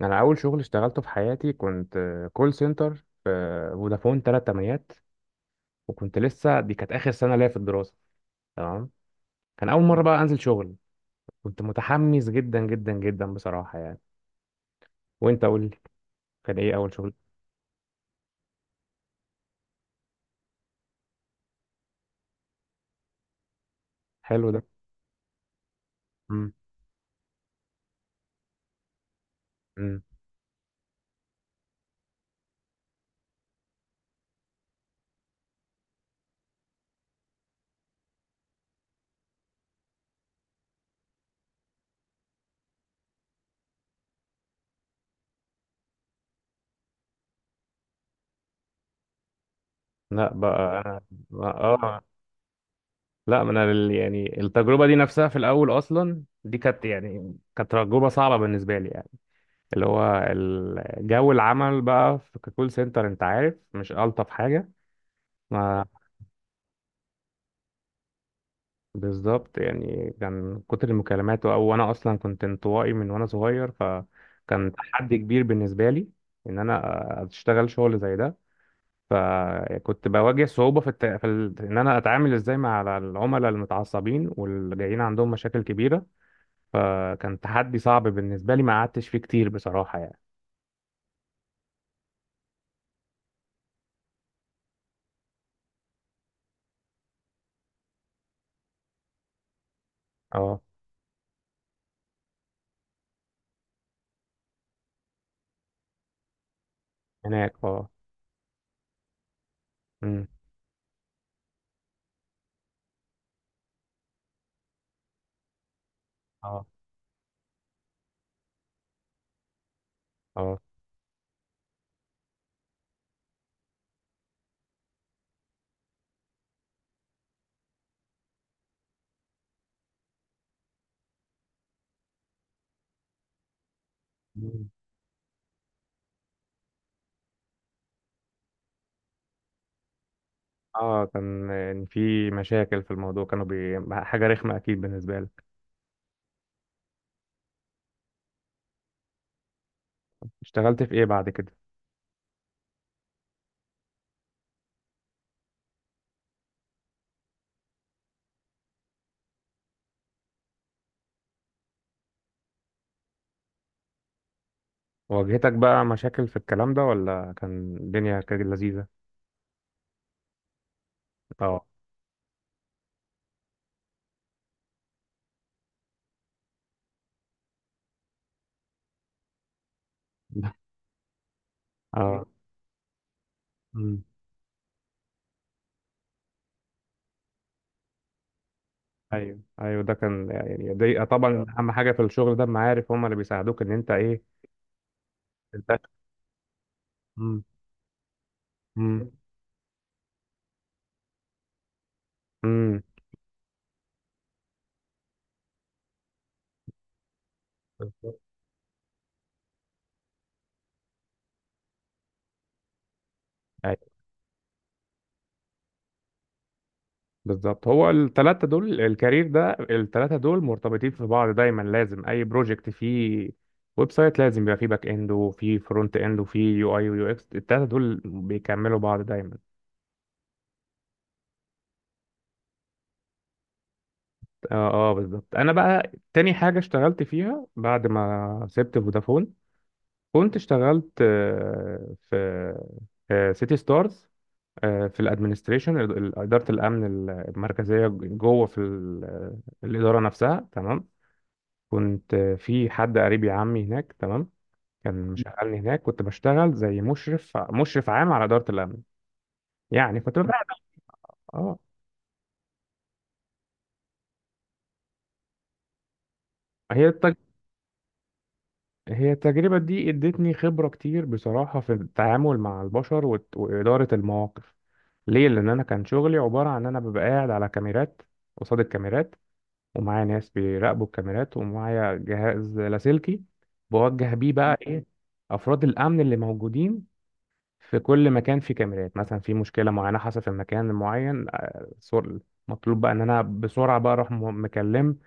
انا اول شغل اشتغلته في حياتي كنت كول سنتر في فودافون ثلاث تمانيات. وكنت لسه، دي كانت اخر سنه ليا في الدراسه، تمام. كان اول مره بقى انزل شغل، كنت متحمس جدا جدا جدا بصراحه يعني. وانت قول لي، كان ايه اول شغل؟ حلو ده. امم امم لا بقى. انا اه. آه. لا، ما انا يعني التجربه دي نفسها في الاول، اصلا دي كانت يعني كانت تجربه صعبه بالنسبه لي يعني. اللي هو جو العمل بقى في كول سنتر، انت عارف، مش الطف حاجه. ما بالظبط يعني، كان من كتر المكالمات، او انا اصلا كنت انطوائي من وانا صغير، فكان تحدي كبير بالنسبه لي ان انا اشتغل شغل زي ده. فكنت بواجه صعوبه في ان انا اتعامل ازاي مع العملاء المتعصبين واللي جايين عندهم مشاكل كبيره. فكان تحدي صعب بالنسبه لي، ما قعدتش فيه كتير بصراحه يعني. اه. هناك اه. امم اه اه. مم. اه، كان في مشاكل في الموضوع، حاجه رخمه اكيد بالنسبه لي. اشتغلت في ايه بعد كده؟ واجهتك بقى مشاكل في الكلام ده، ولا كان الدنيا كانت لذيذة؟ اه. اه. مم. ايوه ايوه، ده كان يعني، دي طبعا اهم حاجة في الشغل ده، المعارف هم اللي بيساعدوك ان انت ايه. تنتشر. مم. امم امم بالظبط. ايوه بالظبط، هو الثلاثة دول الكارير ده، الثلاثة دول مرتبطين في بعض دايما، لازم اي بروجكت فيه ويب سايت لازم يبقى فيه باك اند وفيه فرونت اند وفيه يو اي ويو اكس، الثلاثة دول بيكملوا بعض دايما. اه اه بالظبط. انا بقى تاني حاجه اشتغلت فيها بعد ما سبت فودافون، كنت اشتغلت في في سيتي ستارز. في الادمنستريشن، اداره الامن المركزيه، جوه في الاداره نفسها، تمام. كنت في حد قريبي، عمي، هناك، تمام. كان مشغلني هناك، كنت بشتغل زي مشرف، مشرف عام على اداره الامن يعني. كنت ببقى اه. هي، هي التجربة دي ادتني خبرة كتير بصراحة في التعامل مع البشر وإدارة المواقف. ليه؟ لأن أنا كان شغلي عبارة عن إن أنا ببقى قاعد على كاميرات، قصاد الكاميرات، ومعايا ناس بيراقبوا الكاميرات، ومعايا جهاز لاسلكي بوجه بيه بقى إيه أفراد الأمن اللي موجودين في كل مكان، في كاميرات مثلا، في مشكلة معينة حصلت في مكان معين، مطلوب بقى إن أنا بسرعة بقى أروح مكلم.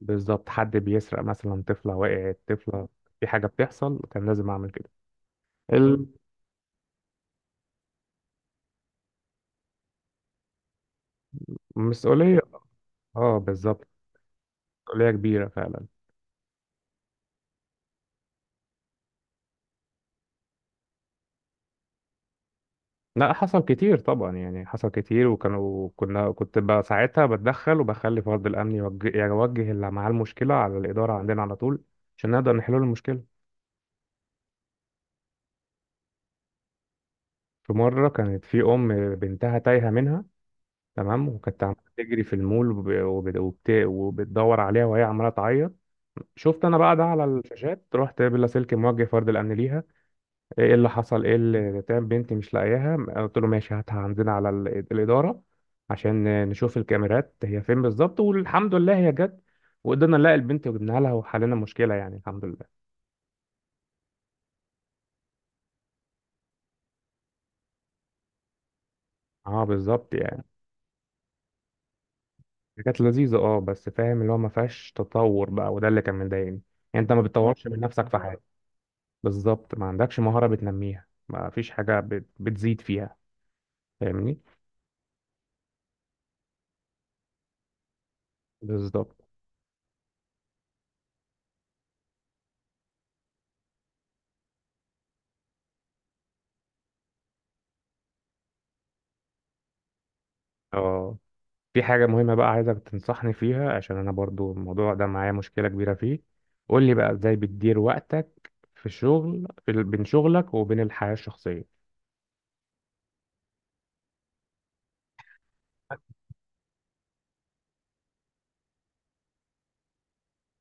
بالظبط، حد بيسرق مثلا، طفلة وقعت طفلة، في حاجة بتحصل، كان لازم أعمل كده. مم. المسؤولية. اه بالظبط، مسؤولية كبيرة فعلا. لا حصل كتير طبعا يعني، حصل كتير، وكانوا كنا كنت بقى ساعتها بتدخل، وبخلي فرد الأمن يوجه, يعني يوجه اللي معاه المشكلة على الإدارة عندنا على طول، عشان نقدر نحل له المشكلة. في مرة كانت في أم بنتها تايهة منها، تمام، وكانت عمالة تجري في المول وبتدور عليها وهي عمالة تعيط. شفت انا بقى ده على الشاشات، رحت بلاسلكي موجه فرد الامن ليها. ايه اللي حصل؟ ايه اللي تعمل؟ بنتي مش لاقياها. قلت له ماشي، هاتها عندنا على الاداره عشان نشوف الكاميرات هي فين بالظبط. والحمد لله هي جت، وقدرنا نلاقي البنت وجبناها لها وحلينا المشكله يعني، الحمد لله. اه بالظبط يعني. كانت لذيذه اه، بس فاهم اللي هو ما فيهاش تطور بقى، وده اللي كان مضايقني. يعني انت ما بتطورش من نفسك في حاجه. بالظبط، ما عندكش مهاره بتنميها، ما فيش حاجه بتزيد فيها، فاهمني. بالظبط. اه، في حاجة مهمة بقى عايزك تنصحني فيها، عشان أنا برضو الموضوع ده معايا مشكلة كبيرة فيه. قول لي بقى إزاي بتدير وقتك في الشغل، في بين شغلك وبين الحياة الشخصية.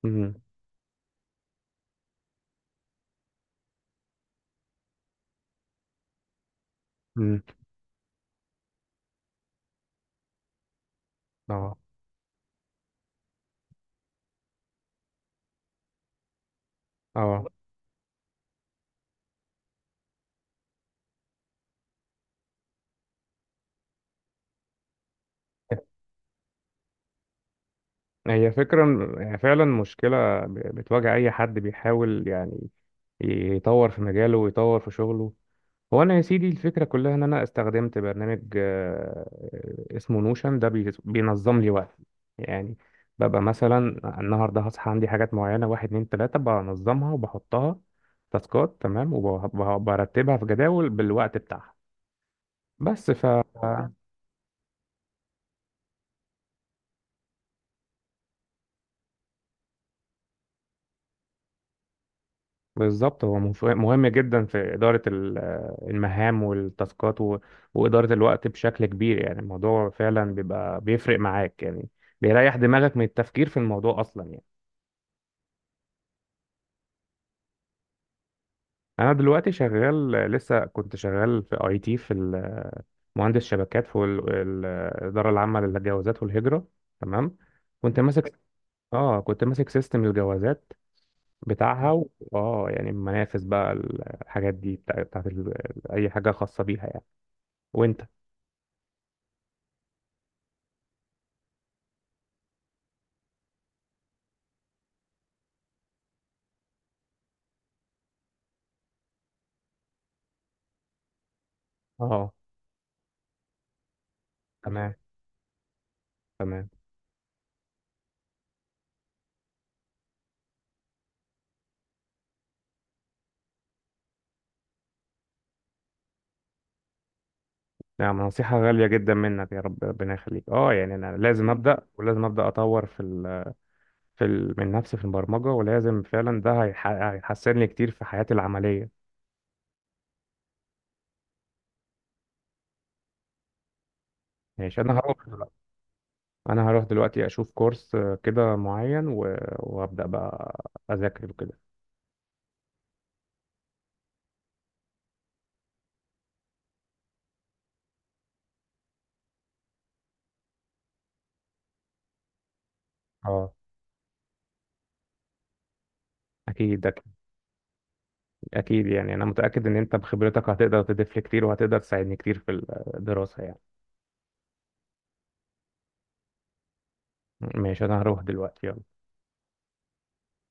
امم امم اه اه. هي فكرة، هي فعلا مشكلة بتواجه أي حد بيحاول يعني يطور في مجاله ويطور في شغله. هو انا يا سيدي، الفكره كلها ان انا استخدمت برنامج اسمه نوشن، ده بينظم لي وقتي. يعني ببقى مثلا النهارده هصحى عندي حاجات معينه، واحد اتنين تلاته، بنظمها وبحطها تاسكات تمام، وبرتبها في جداول بالوقت بتاعها. بس ف. تمام. بالظبط، هو مهم جدا في اداره المهام والتاسكات واداره الوقت بشكل كبير. يعني الموضوع فعلا بيبقى بيفرق معاك يعني، بيريح دماغك من التفكير في الموضوع اصلا يعني. انا دلوقتي شغال، لسه كنت شغال في اي تي، في مهندس شبكات في الاداره العامه للجوازات والهجره، تمام. كنت ماسك. اه كنت ماسك سيستم الجوازات بتاعها و... اه يعني منافس بقى الحاجات دي، بتاعت اي حاجه خاصه بيها يعني. وانت. اه. تمام. تمام. نعم، نصيحه غاليه جدا منك، يا رب ربنا يخليك. اه يعني انا لازم ابدا، ولازم ابدا اطور في ال... في ال... من نفسي في البرمجه، ولازم فعلا ده هيحسن لي كتير في حياتي العمليه. ماشي، انا هروح دلوقتي. انا هروح دلوقتي اشوف كورس كده معين و... وابدا بقى اذاكر وكده. اه اكيد اكيد. أكيد يعني، انا متاكد ان انت بخبرتك هتقدر تضيف لي كتير، وهتقدر تساعدني كتير في الدراسه يعني. ماشي، انا هروح دلوقتي، يلا.